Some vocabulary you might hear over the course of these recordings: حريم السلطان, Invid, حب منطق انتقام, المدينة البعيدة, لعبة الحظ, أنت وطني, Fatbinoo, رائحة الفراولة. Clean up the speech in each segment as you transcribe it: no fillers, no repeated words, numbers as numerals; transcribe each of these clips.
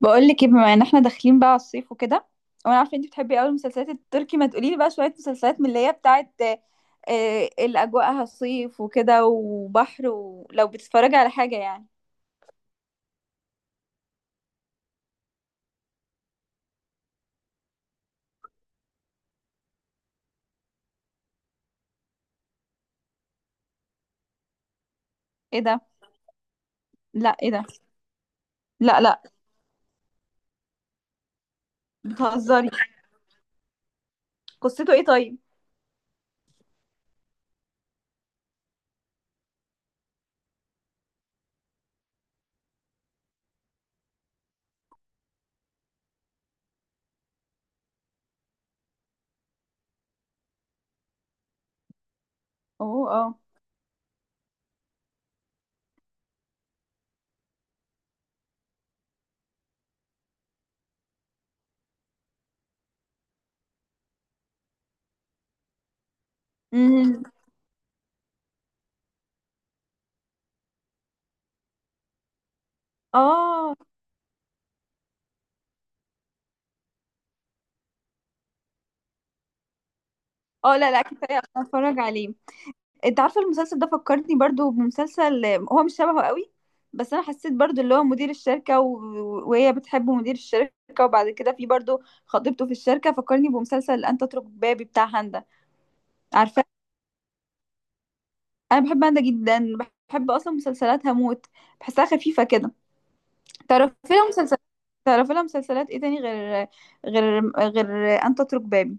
بقول لك ايه، بما ان احنا داخلين بقى على الصيف وكده. وانا عارفه انت بتحبي قوي المسلسلات التركي، ما تقولي لي بقى شويه مسلسلات من اللي هي بتاعت اللي اجواءها صيف وكده وبحر، ولو بتتفرجي على حاجه يعني. ايه ده؟ لا، ايه ده؟ لا لا. بتهزري؟ قصته ايه طيب؟ اوه، اه. امم. اه. اه، لا لا، كفايه أنا اتفرج عليه. انت عارفه المسلسل ده فكرتني برضو بمسلسل، هو مش شبهه قوي، بس انا حسيت برضو اللي هو مدير الشركه وهي بتحب مدير الشركه. وبعد كده في برضو خطيبته في الشركه، فكرني بمسلسل انت اترك بابي بتاع هاندا، عارفه؟ انا بحب هاندا جدا، بحب اصلا مسلسلاتها موت. بحسها خفيفه كده. تعرفي لها مسلسلات؟ تعرفي لها مسلسلات ايه تاني غير غير غير انت اترك بابي؟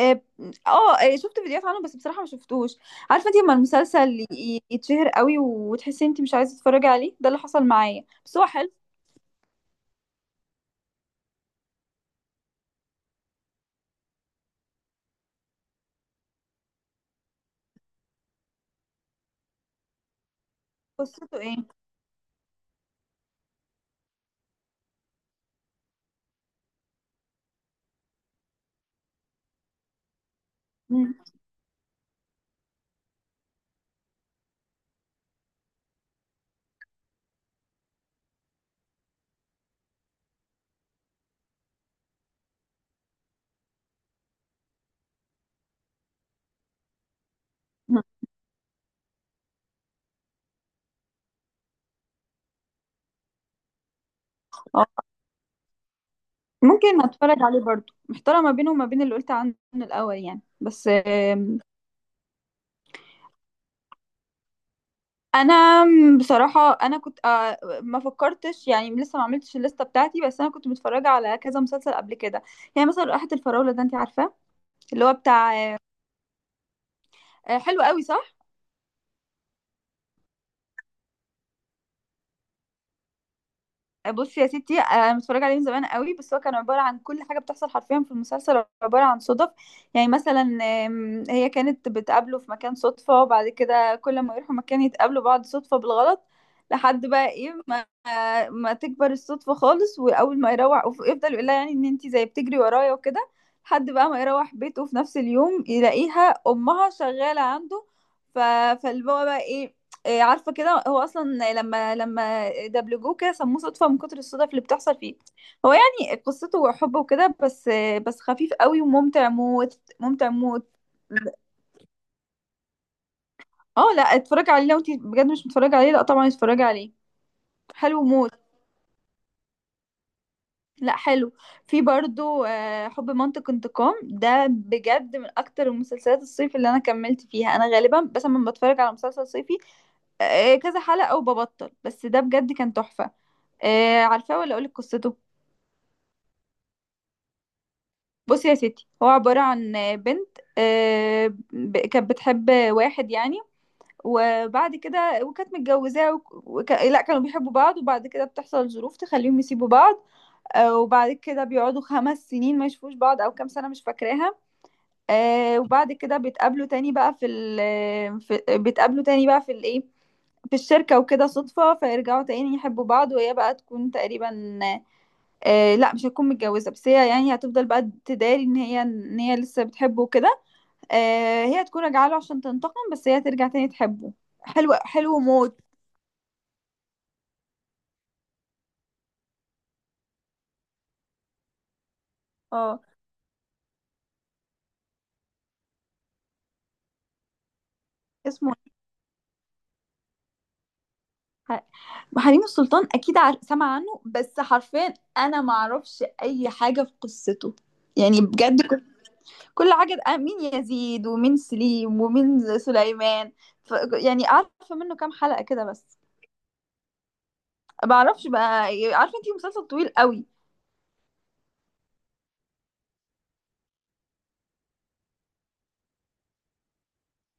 اه. شفت فيديوهات عنه بس بصراحة ما شفتوش. عارفة انت لما المسلسل يتشهر قوي وتحسي انت مش عايزة تتفرجي عليه؟ ده اللي حصل معايا، بس هو حلو. قصته ايه؟ مم. مم. آه، ممكن اتفرج عليه برضو، محتارة ما بينه وما بين اللي قلت عنه الاول يعني، بس انا بصراحة انا كنت ما فكرتش يعني، لسه ما عملتش الليستة بتاعتي، بس انا كنت متفرجة على كذا مسلسل قبل كده. يعني مثلا رائحة الفراولة ده، انت عارفاه؟ اللي هو بتاع حلو قوي صح؟ بصي يا ستي، انا متفرجه عليه من زمان قوي. بس هو كان عباره عن كل حاجه بتحصل حرفيا في المسلسل عباره عن صدف. يعني مثلا، هي كانت بتقابله في مكان صدفه، وبعد كده كل ما يروحوا مكان يتقابلوا بعض صدفه بالغلط. لحد بقى ايه، ما تكبر الصدفه خالص واول ما يروح يفضل يقول لها يعني ان انتي زي بتجري ورايا وكده. لحد بقى ما يروح بيته في نفس اليوم يلاقيها امها شغاله عنده. ف... فاللي هو بقى ايه، عارفه كده هو اصلا لما دبلجوه كده سموه صدفه من كتر الصدف اللي بتحصل فيه. هو يعني قصته حب وكده بس خفيف قوي وممتع موت ممتع موت. اه، لا، اتفرج عليه. لو انت بجد مش متفرج عليه، لا طبعا اتفرج عليه. حلو موت. لا، حلو. في برضو حب منطق انتقام، ده بجد من اكتر المسلسلات الصيف اللي انا كملت فيها. انا غالبا بس لما بتفرج على مسلسل صيفي كذا حلقة وببطل، بس ده بجد كان تحفة. عارفاه ولا اقولك قصته؟ بصي يا ستي، هو عبارة عن بنت كانت بتحب واحد يعني. وبعد كده وكانت متجوزاه لا، كانوا بيحبوا بعض. وبعد كده بتحصل ظروف تخليهم يسيبوا بعض. وبعد كده بيقعدوا 5 سنين ما يشوفوش بعض، او كام سنة مش فاكراها. وبعد كده بيتقابلوا تاني بقى بيتقابلوا تاني بقى في الايه، في الشركة وكده صدفة. فيرجعوا تاني يحبوا بعض، وهي بقى تكون تقريبا، آه لا، مش هتكون متجوزة، بس هي يعني هتفضل بقى تداري ان هي لسه بتحبه وكده. آه، هي هتكون راجعة له عشان تنتقم، بس هي ترجع تاني تحبه. حلو، حلو موت. اه. اسمه ح- حريم السلطان؟ اكيد سمع عنه، بس حرفيا انا ما اعرفش اي حاجة في قصته. يعني بجد كل حاجة، مين يزيد ومين سليم ومين سليمان. ف... يعني عارفة منه كام حلقة كده بس. ما اعرفش بقى. عارفة انتي، مسلسل طويل قوي.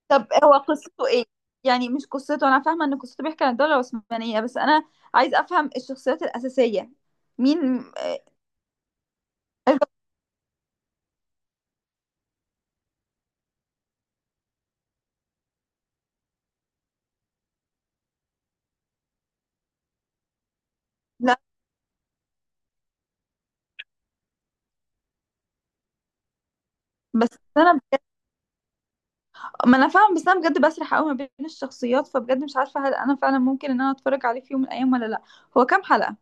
طب هو قصته ايه؟ يعني مش قصته، انا فاهمه ان قصته بيحكي عن الدوله العثمانيه، بس انا عايز افهم الشخصيات الاساسيه. مين؟ آه، لا، بس انا بجد... ما انا فاهمه، بس انا بجد بسرح قوي ما بين الشخصيات. فبجد مش عارفه هل انا فعلا ممكن ان انا اتفرج عليه في يوم من الايام ولا لا. هو كام حلقه؟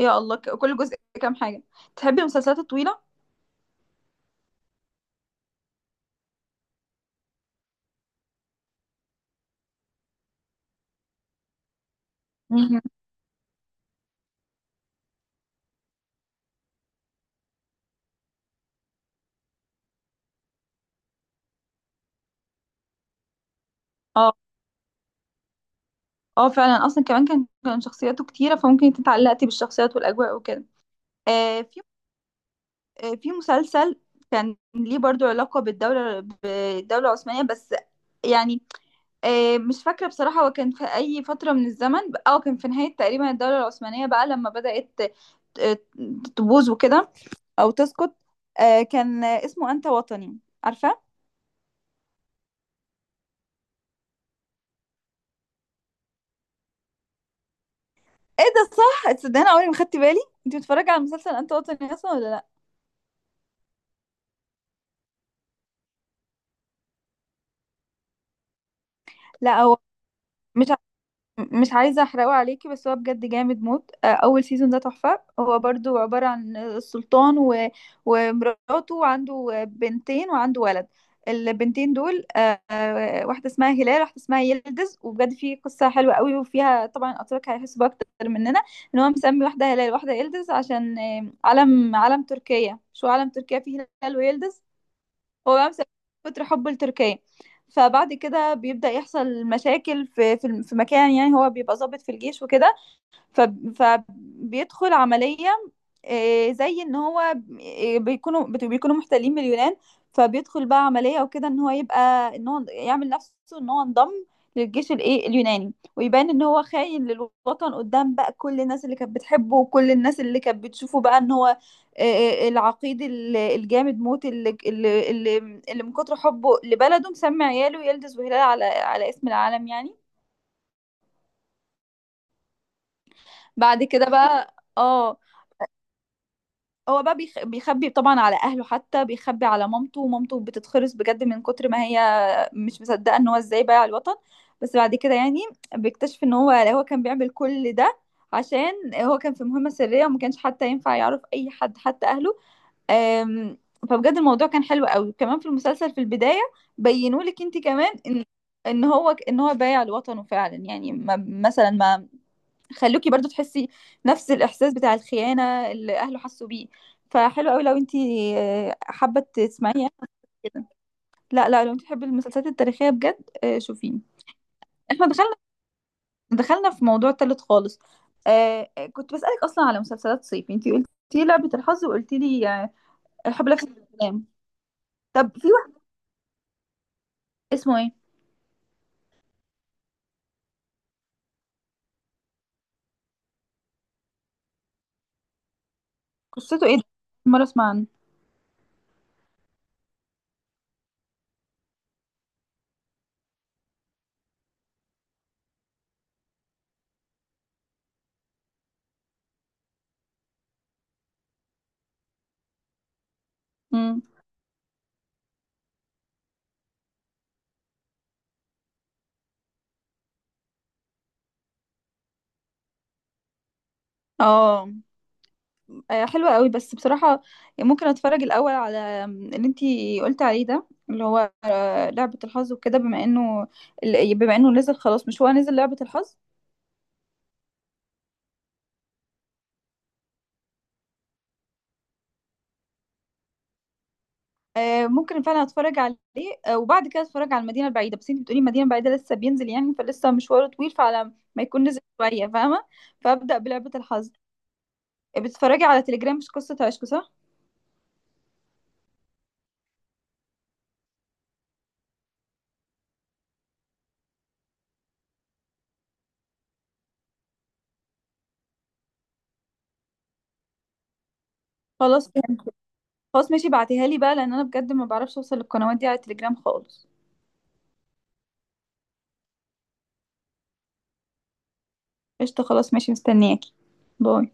يا الله. كل جزء كام حاجه؟ تحبي المسلسلات الطويله؟ مهم. اه، اه فعلا. اصلا كمان كان شخصياته كتيره، فممكن انت اتعلقتي بالشخصيات والاجواء وكده. آه في في مسلسل كان ليه برضو علاقة بالدولة العثمانية، بس يعني، مش فاكرة بصراحة هو كان في أي فترة من الزمن. أو كان في نهاية تقريبا الدولة العثمانية بقى لما بدأت آه، تبوظ وكده، أو تسقط. آه، كان آه، اسمه أنت وطني، عارفة؟ ايه ده، صح؟ تصدقني، أنا عمري ما خدت بالي. انت بتتفرجي على مسلسل أنت وطني أصلا ولا لأ؟ لأ، هو مش، مش عايزة احرقه عليكي بس هو بجد جامد موت. اول سيزون ده تحفة، هو برضو عبارة عن السلطان ومراته، وعنده بنتين وعنده ولد. البنتين دول واحدة اسمها هلال، واحدة اسمها يلدز. وبجد في قصة حلوة قوي، وفيها طبعا الأتراك هيحسوا بأكتر مننا ان هو مسمي واحدة هلال واحدة يلدز عشان علم تركيا، شو علم تركيا فيه هلال ويلدز. هو بقى مسافر من كتر حبه لتركيا. فبعد كده بيبدأ يحصل مشاكل في مكان، يعني هو بيبقى ضابط في الجيش وكده. فبيدخل عملية، زي ان هو بيكونوا بيكونوا محتلين من اليونان. فبيدخل بقى عملية وكده ان هو يبقى ان هو يعمل نفسه ان هو انضم للجيش الايه اليوناني، ويبان ان هو خاين للوطن قدام بقى كل الناس اللي كانت بتحبه وكل الناس اللي كانت بتشوفه بقى ان هو آه، العقيد الجامد موت اللي من كتر حبه لبلده مسمي عياله يلدز وهلال على اسم العالم يعني. بعد كده بقى اه، هو بقى بيخبي طبعا على اهله، حتى بيخبي على مامته. ومامته بتتخرس بجد من كتر ما هي مش مصدقه ان هو ازاي بايع الوطن. بس بعد كده يعني بيكتشف ان هو كان بيعمل كل ده عشان هو كان في مهمه سريه، وما كانش حتى ينفع يعرف اي حد حتى اهله. أم... فبجد الموضوع كان حلو قوي كمان في المسلسل في البدايه. بينوا لك انت كمان ان هو بايع لوطنه فعلا، يعني ما مثلا ما خلوكي برضو تحسي نفس الإحساس بتاع الخيانة اللي أهله حسوا بيه. فحلو قوي لو انتي حابة تسمعيه كده. لا لا، لو انتي بتحبي المسلسلات التاريخية بجد شوفيه. احنا دخلنا في موضوع تالت خالص. كنت بسألك أصلا على مسلسلات صيفي، انتي قلتي لعبة الحظ، وقلتي لي الحب لفت الكلام. طب في واحد اسمه ايه؟ قصته ايه ده؟ أول مرة اسمع عنه. مم. اه، حلوة قوي بس بصراحة، يعني ممكن اتفرج الاول على اللي انتي قلت عليه، ده اللي هو لعبة الحظ وكده، بما انه نزل خلاص. مش هو نزل لعبة الحظ؟ ممكن فعلا اتفرج عليه. وبعد كده اتفرج على المدينة البعيدة، بس انتي بتقولي المدينة البعيدة لسه بينزل يعني، فلسه مشواره طويل. فعلى ما يكون نزل شوية، فاهمة، فابدأ بلعبة الحظ. بتتفرجي على تليجرام مش قصة عشق، صح؟ خلاص، فهمت. خلاص ماشي، بعتيها لي بقى لان انا بجد ما بعرفش اوصل للقنوات دي على تليجرام خالص. قشطة، خلاص ماشي، مستنياكي. باي.